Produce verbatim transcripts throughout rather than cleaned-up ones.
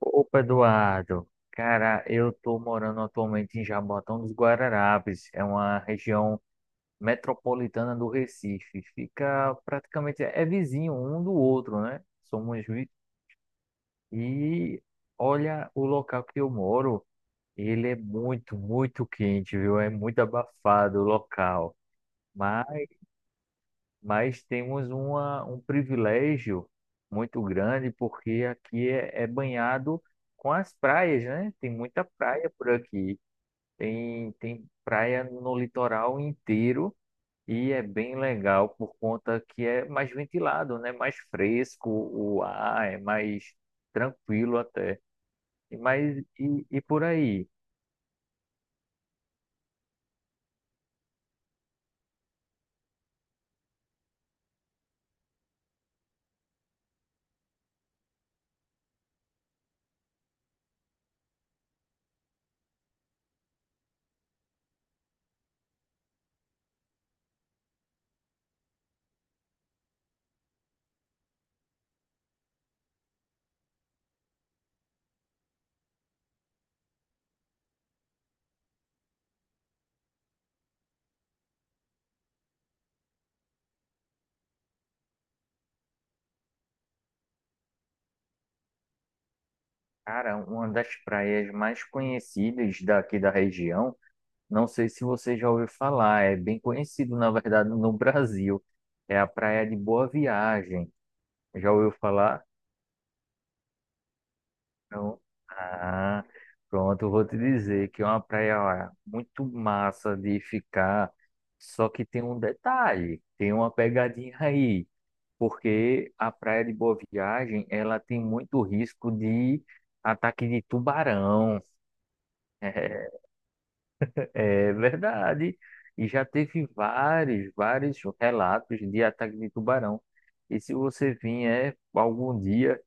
Opa, Eduardo. Cara, eu tô morando atualmente em Jaboatão dos Guararapes. É uma região metropolitana do Recife. Fica praticamente é vizinho um do outro, né? Somos vi- e olha o local que eu moro. Ele é muito, muito quente, viu? É muito abafado o local. Mas temos uma, um privilégio muito grande porque aqui é, é banhado com as praias, né? Tem muita praia por aqui. Tem, tem praia no litoral inteiro e é bem legal por conta que é mais ventilado, né? Mais fresco o ar, é mais tranquilo até. E Mas e, e por aí? Cara, uma das praias mais conhecidas daqui da região. Não sei se você já ouviu falar, é bem conhecido, na verdade, no Brasil. É a Praia de Boa Viagem. Já ouviu falar? Não. Ah, pronto, eu vou te dizer que é uma praia, ó, muito massa de ficar. Só que tem um detalhe, tem uma pegadinha aí, porque a Praia de Boa Viagem, ela tem muito risco de ataque de tubarão. É verdade. E já teve vários, vários relatos de ataque de tubarão. E se você vier algum dia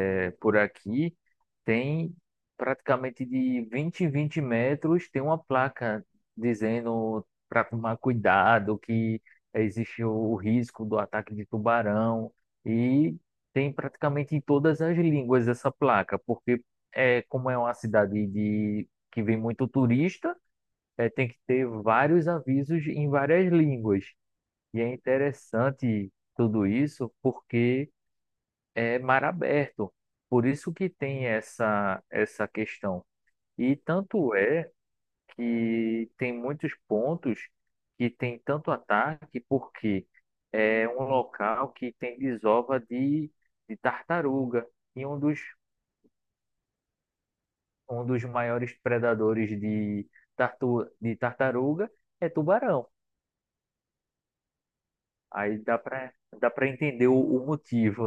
é, por aqui, tem praticamente de vinte em vinte metros, tem uma placa dizendo para tomar cuidado, que existe o risco do ataque de tubarão. E tem praticamente em todas as línguas essa placa, porque é, como é uma cidade de, que vem muito turista é, tem que ter vários avisos em várias línguas. E é interessante tudo isso porque é mar aberto. Por isso que tem essa, essa questão. E tanto é que tem muitos pontos que tem tanto ataque porque é um local que tem desova de, de tartaruga. E um dos, um dos maiores predadores de, tartu, de tartaruga é tubarão. Aí dá pra, dá pra entender o, o motivo.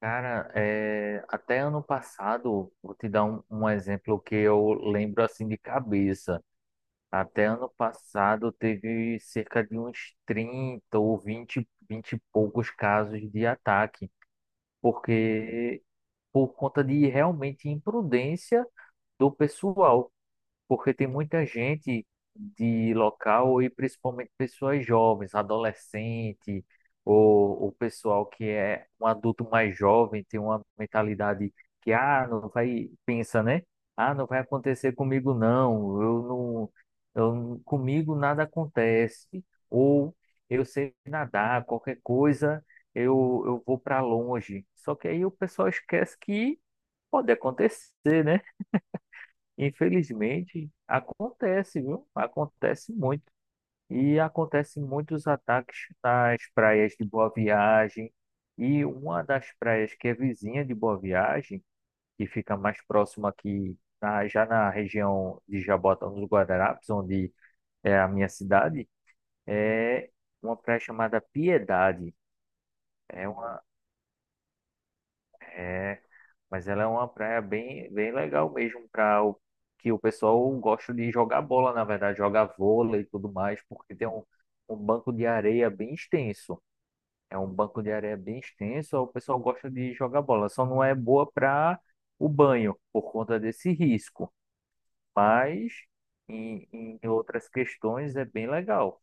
Cara, é, até ano passado, vou te dar um, um exemplo que eu lembro assim de cabeça. Até ano passado teve cerca de uns trinta ou vinte, vinte e poucos casos de ataque, porque por conta de realmente imprudência do pessoal. Porque tem muita gente de local e principalmente pessoas jovens, adolescente ou o pessoal que é um adulto mais jovem, tem uma mentalidade que ah, não vai, pensa, né? Ah, não vai acontecer comigo não. Eu não, eu não- comigo nada acontece. Ou eu sei nadar, qualquer coisa, eu eu vou para longe. Só que aí o pessoal esquece que pode acontecer, né? Infelizmente, acontece, viu? Acontece muito. E acontecem muitos ataques nas praias de Boa Viagem. E uma das praias que é vizinha de Boa Viagem, que fica mais próxima aqui, na- já na região de Jabotão dos Guararapes, onde é a minha cidade, é uma praia chamada Piedade. É uma, é Mas ela é uma praia bem, bem legal mesmo para o que o pessoal gosta de jogar bola, na verdade, jogar vôlei e tudo mais, porque tem um, um banco de areia bem extenso. É um banco de areia bem extenso, o pessoal gosta de jogar bola. Só não é boa para o banho, por conta desse risco. Mas em, em outras questões é bem legal.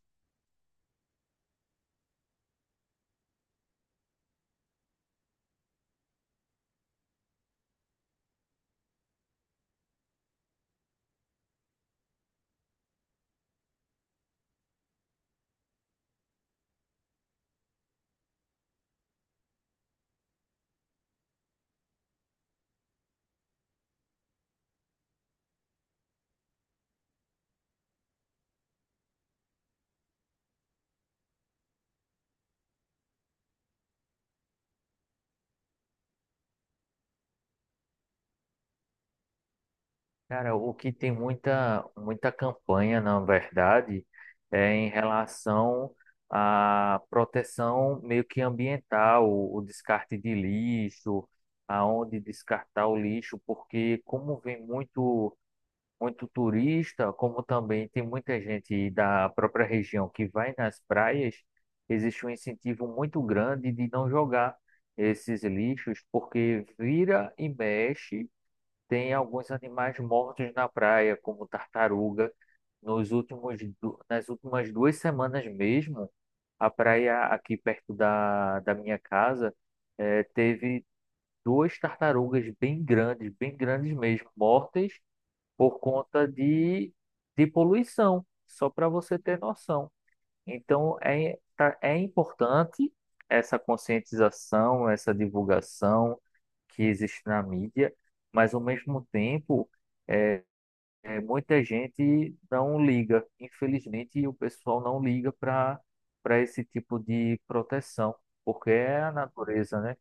Cara, o que tem muita, muita campanha, na verdade, é em relação à proteção meio que ambiental, o, o descarte de lixo, aonde descartar o lixo, porque como vem muito, muito turista, como também tem muita gente da própria região que vai nas praias, existe um incentivo muito grande de não jogar esses lixos, porque vira e mexe. Tem alguns animais mortos na praia, como tartaruga. Nos últimos, du- nas últimas duas semanas mesmo, a praia aqui perto da, da minha casa eh, teve duas tartarugas bem grandes, bem grandes mesmo, mortas por conta de, de poluição, só para você ter noção. Então, é, tá- é importante essa conscientização, essa divulgação que existe na mídia, mas, ao mesmo tempo, é, é, muita gente não liga. Infelizmente, o pessoal não liga para para esse tipo de proteção, porque é a natureza, né?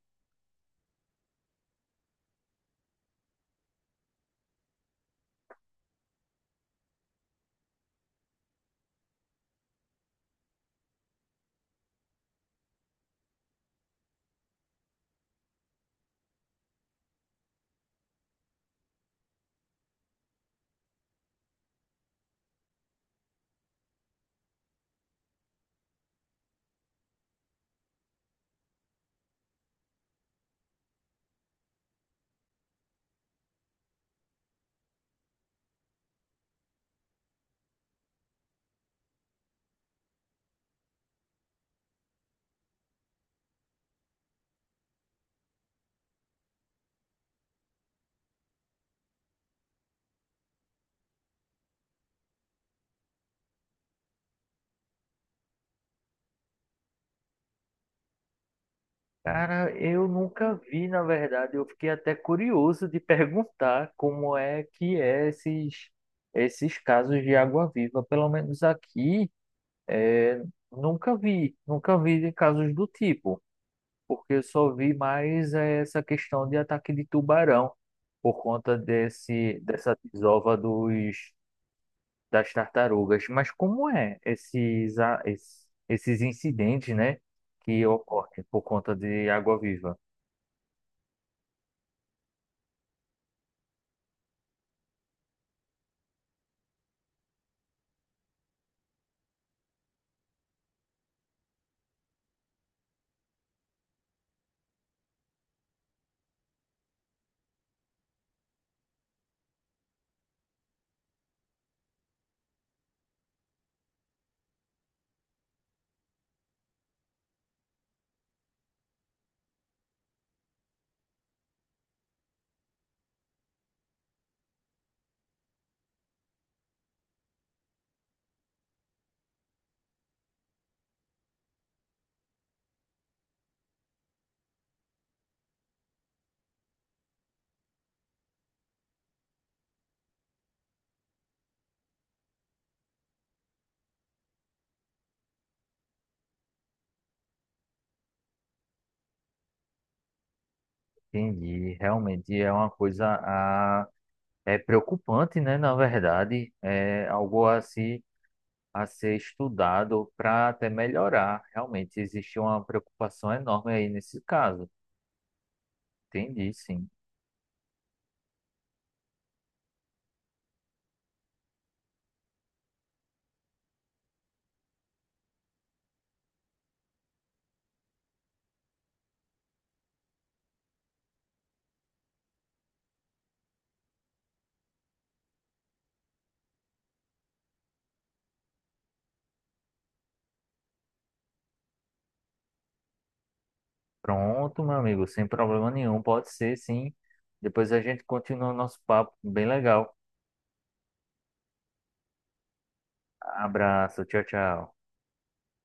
Cara, eu nunca vi, na verdade, eu fiquei até curioso de perguntar como é que é esses, esses casos de água-viva. Pelo menos aqui. É, nunca vi, nunca vi de casos do tipo, porque eu só vi mais eh, essa questão de ataque de tubarão por conta desse, dessa desova dos, das tartarugas. Mas como é esses, a- es- esses incidentes, né, que ocorrem por conta de água-viva? Entendi, realmente é uma coisa a, é preocupante, né, na verdade, é algo assim a ser estudado para até melhorar. Realmente existe uma preocupação enorme aí nesse caso. Entendi, sim. Pronto, meu amigo, sem problema nenhum, pode ser, sim. Depois a gente continua o nosso papo, bem legal. Abraço, tchau, tchau.